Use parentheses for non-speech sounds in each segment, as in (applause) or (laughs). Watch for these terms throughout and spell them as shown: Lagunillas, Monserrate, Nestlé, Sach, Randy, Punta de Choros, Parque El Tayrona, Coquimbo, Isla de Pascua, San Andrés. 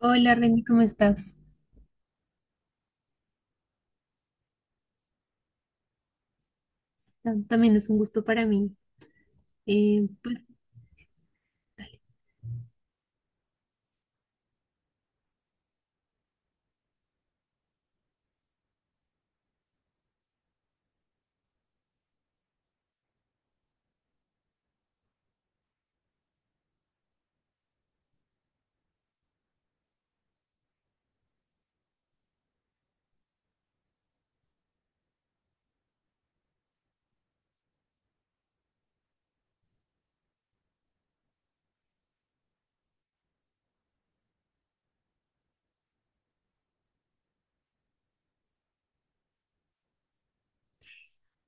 Hola Randy, ¿cómo estás? También es un gusto para mí. Eh, pues, Dale.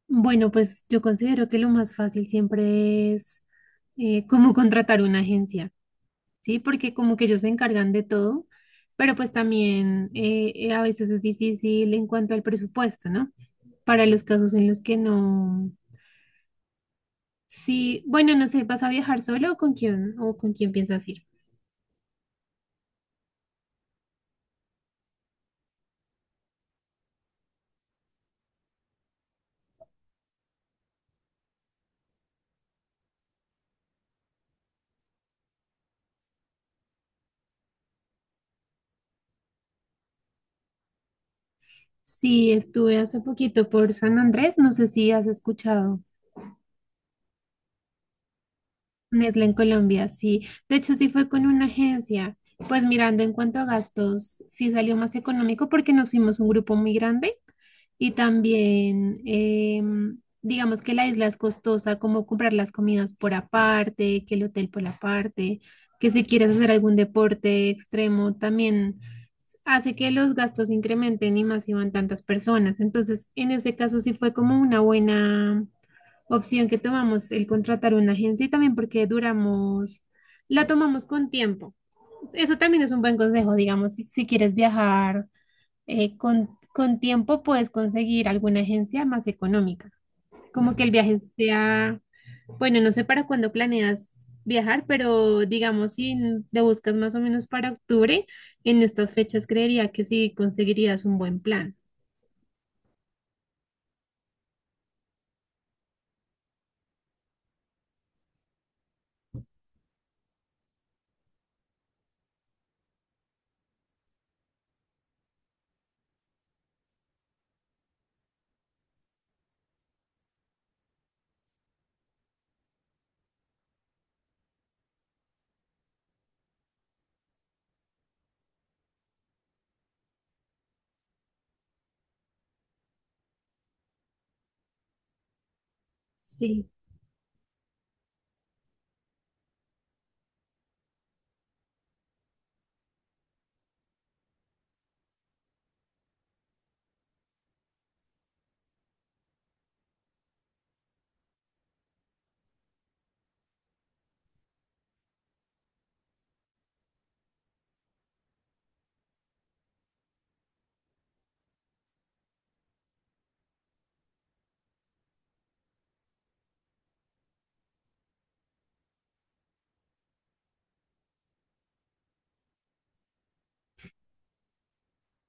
Bueno, pues yo considero que lo más fácil siempre es como contratar una agencia, ¿sí? Porque como que ellos se encargan de todo, pero pues también a veces es difícil en cuanto al presupuesto, ¿no? Para los casos en los que no... Sí, bueno, no sé, ¿vas a viajar solo o con quién piensas ir? Sí, estuve hace poquito por San Andrés, no sé si has escuchado. Nestlé en Colombia, sí. De hecho, sí fue con una agencia. Pues mirando en cuanto a gastos, sí salió más económico porque nos fuimos un grupo muy grande y también, digamos que la isla es costosa, como comprar las comidas por aparte, que el hotel por aparte, que si quieres hacer algún deporte extremo, también hace que los gastos incrementen y más si van tantas personas. Entonces, en ese caso sí fue como una buena opción que tomamos, el contratar una agencia y también porque duramos, la tomamos con tiempo. Eso también es un buen consejo, digamos, si quieres viajar con tiempo, puedes conseguir alguna agencia más económica. Como que el viaje sea, bueno, no sé para cuándo planeas viajar, pero digamos, si te buscas más o menos para octubre, en estas fechas creería que sí conseguirías un buen plan. Sí.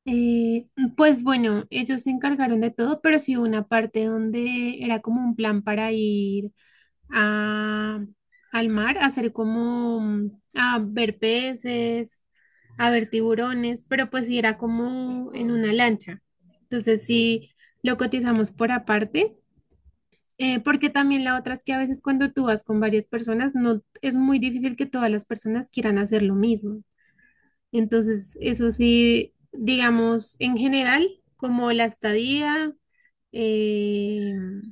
Eh, (clears throat) pues bueno, ellos se encargaron de todo, pero sí hubo una parte donde era como un plan para ir a, al mar, a hacer como mm, a ver peces, a ver tiburones, pero pues sí era como en una lancha. Entonces sí lo cotizamos por aparte, porque también la otra es que a veces cuando tú vas con varias personas, no es muy difícil que todas las personas quieran hacer lo mismo. Entonces, eso sí, digamos, en general, como la estadía, em,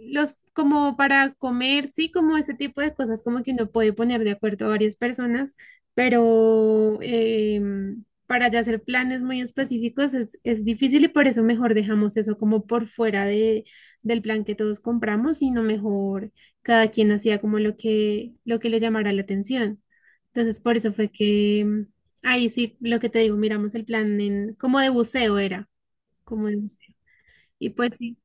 los como para comer, sí, como ese tipo de cosas, como que uno puede poner de acuerdo a varias personas, pero para ya hacer planes muy específicos es difícil y por eso mejor dejamos eso como por fuera de, del plan que todos compramos, sino mejor cada quien hacía como lo que le llamara la atención. Entonces, por eso fue que ahí sí, lo que te digo, miramos el plan en, como de buceo era, como de buceo. Y pues sí.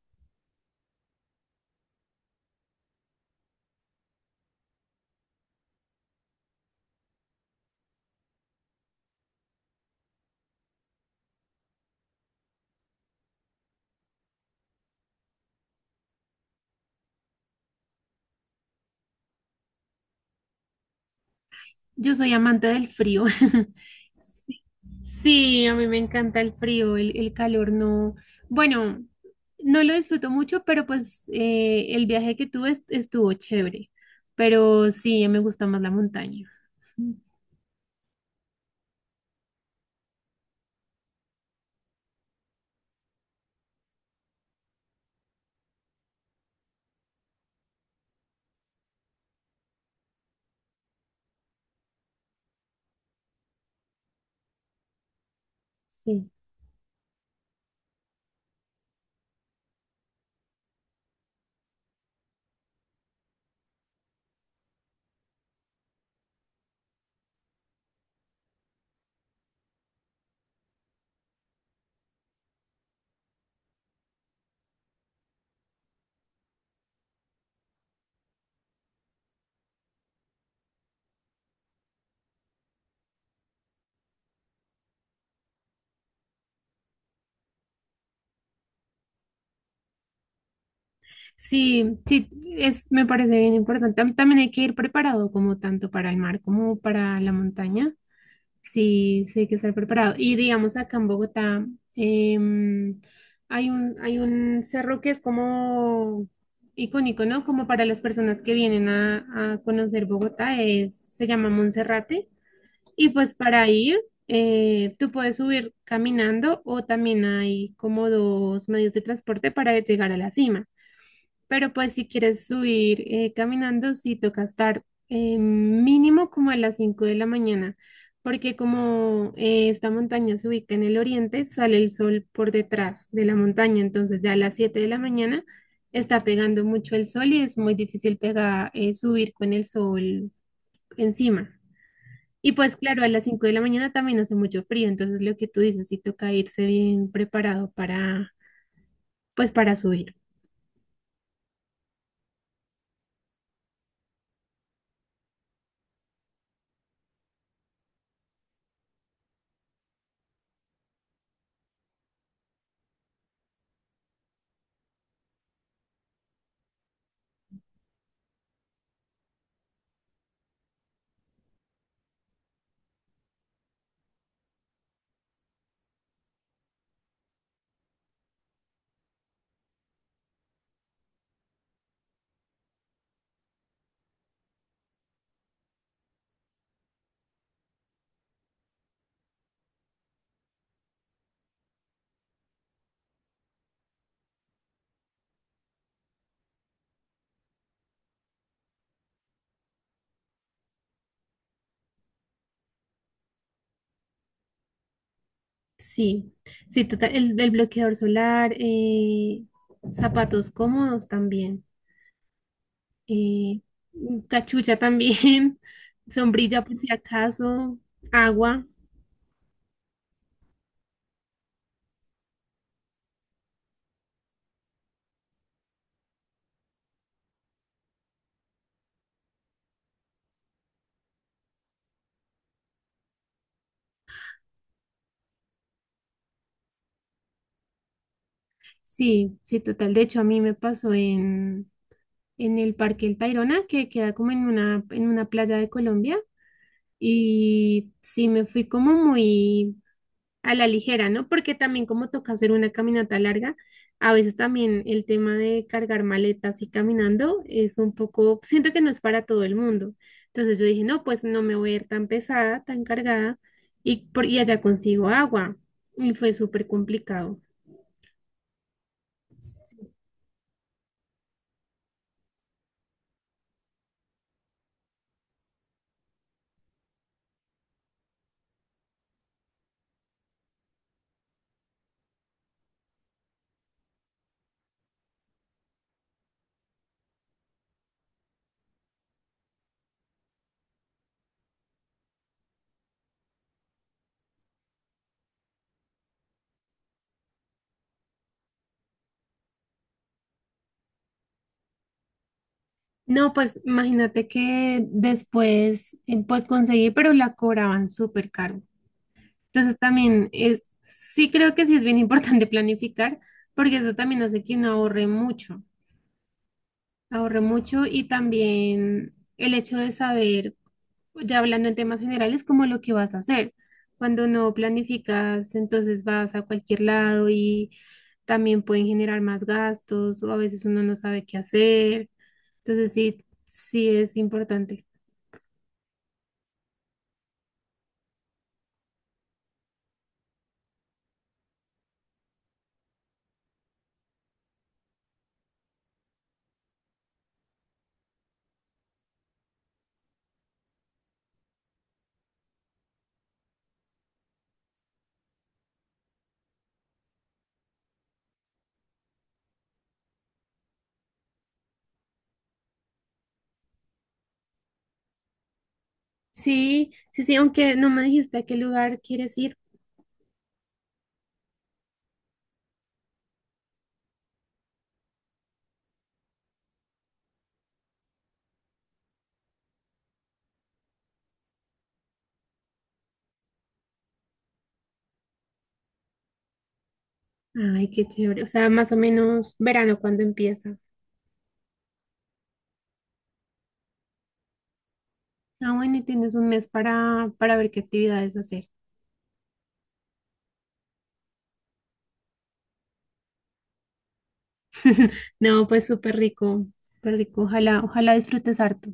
Yo soy amante del frío. (laughs) Sí, a mí me encanta el frío, el calor no. Bueno, no lo disfruto mucho, pero pues el viaje que tuve estuvo chévere. Pero sí, me gusta más la montaña. Sí. Sí, sí, es, me parece bien importante. También hay que ir preparado como tanto para el mar como para la montaña. Sí, sí, hay que estar preparado. Y digamos, acá en Bogotá em, hay un cerro que es como icónico, ¿no? Como para las personas que vienen a conocer Bogotá, es, se llama Monserrate. Y pues para ir, tú puedes subir caminando o también hay como dos medios de transporte para llegar a la cima. Pero pues si quieres subir caminando, sí toca estar mínimo como a las 5 de la mañana, porque como esta montaña se ubica en el oriente, sale el sol por detrás de la montaña, entonces ya a las 7 de la mañana está pegando mucho el sol y es muy difícil pegar, subir con el sol encima. Y pues claro, a las 5 de la mañana también hace mucho frío, entonces lo que tú dices, sí toca irse bien preparado para, pues para subir. Sí, sí, total, el bloqueador solar, zapatos cómodos también, eh, cachucha también, (laughs) sombrilla por si acaso, agua. Sí, sí, total. De hecho, a mí me pasó en el Parque El Tayrona, que queda como en una playa de Colombia, y sí, me fui como muy a la ligera, ¿no? Porque también como toca hacer una caminata larga, a veces también el tema de cargar maletas y caminando es un poco, siento que no es para todo el mundo. Entonces yo dije, no, pues no me voy a ir tan pesada, tan cargada, y, por, y allá consigo agua. Y fue súper complicado. No, pues imagínate que después, pues conseguí, pero la cobraban súper caro. Entonces también es, sí creo que sí es bien (laughs) importante planificar, porque eso también hace que uno ahorre mucho. Ahorré mucho y también el hecho de saber, ya hablando en temas generales, como lo que vas a hacer. Cuando no planificas, entonces vas a cualquier lado y también pueden generar más gastos o a veces uno no sabe qué hacer. Entonces sí, sí es importante. Sí, sí, sí, aunque no me dijiste a qué lugar quieres ir. Ay, qué chévere. O sea, más o menos verano cuando empieza. Ah, bueno, y tienes un mes para ver qué actividades hacer. (laughs) No, pues súper rico, súper rico. Ojalá, ojalá disfrutes harto.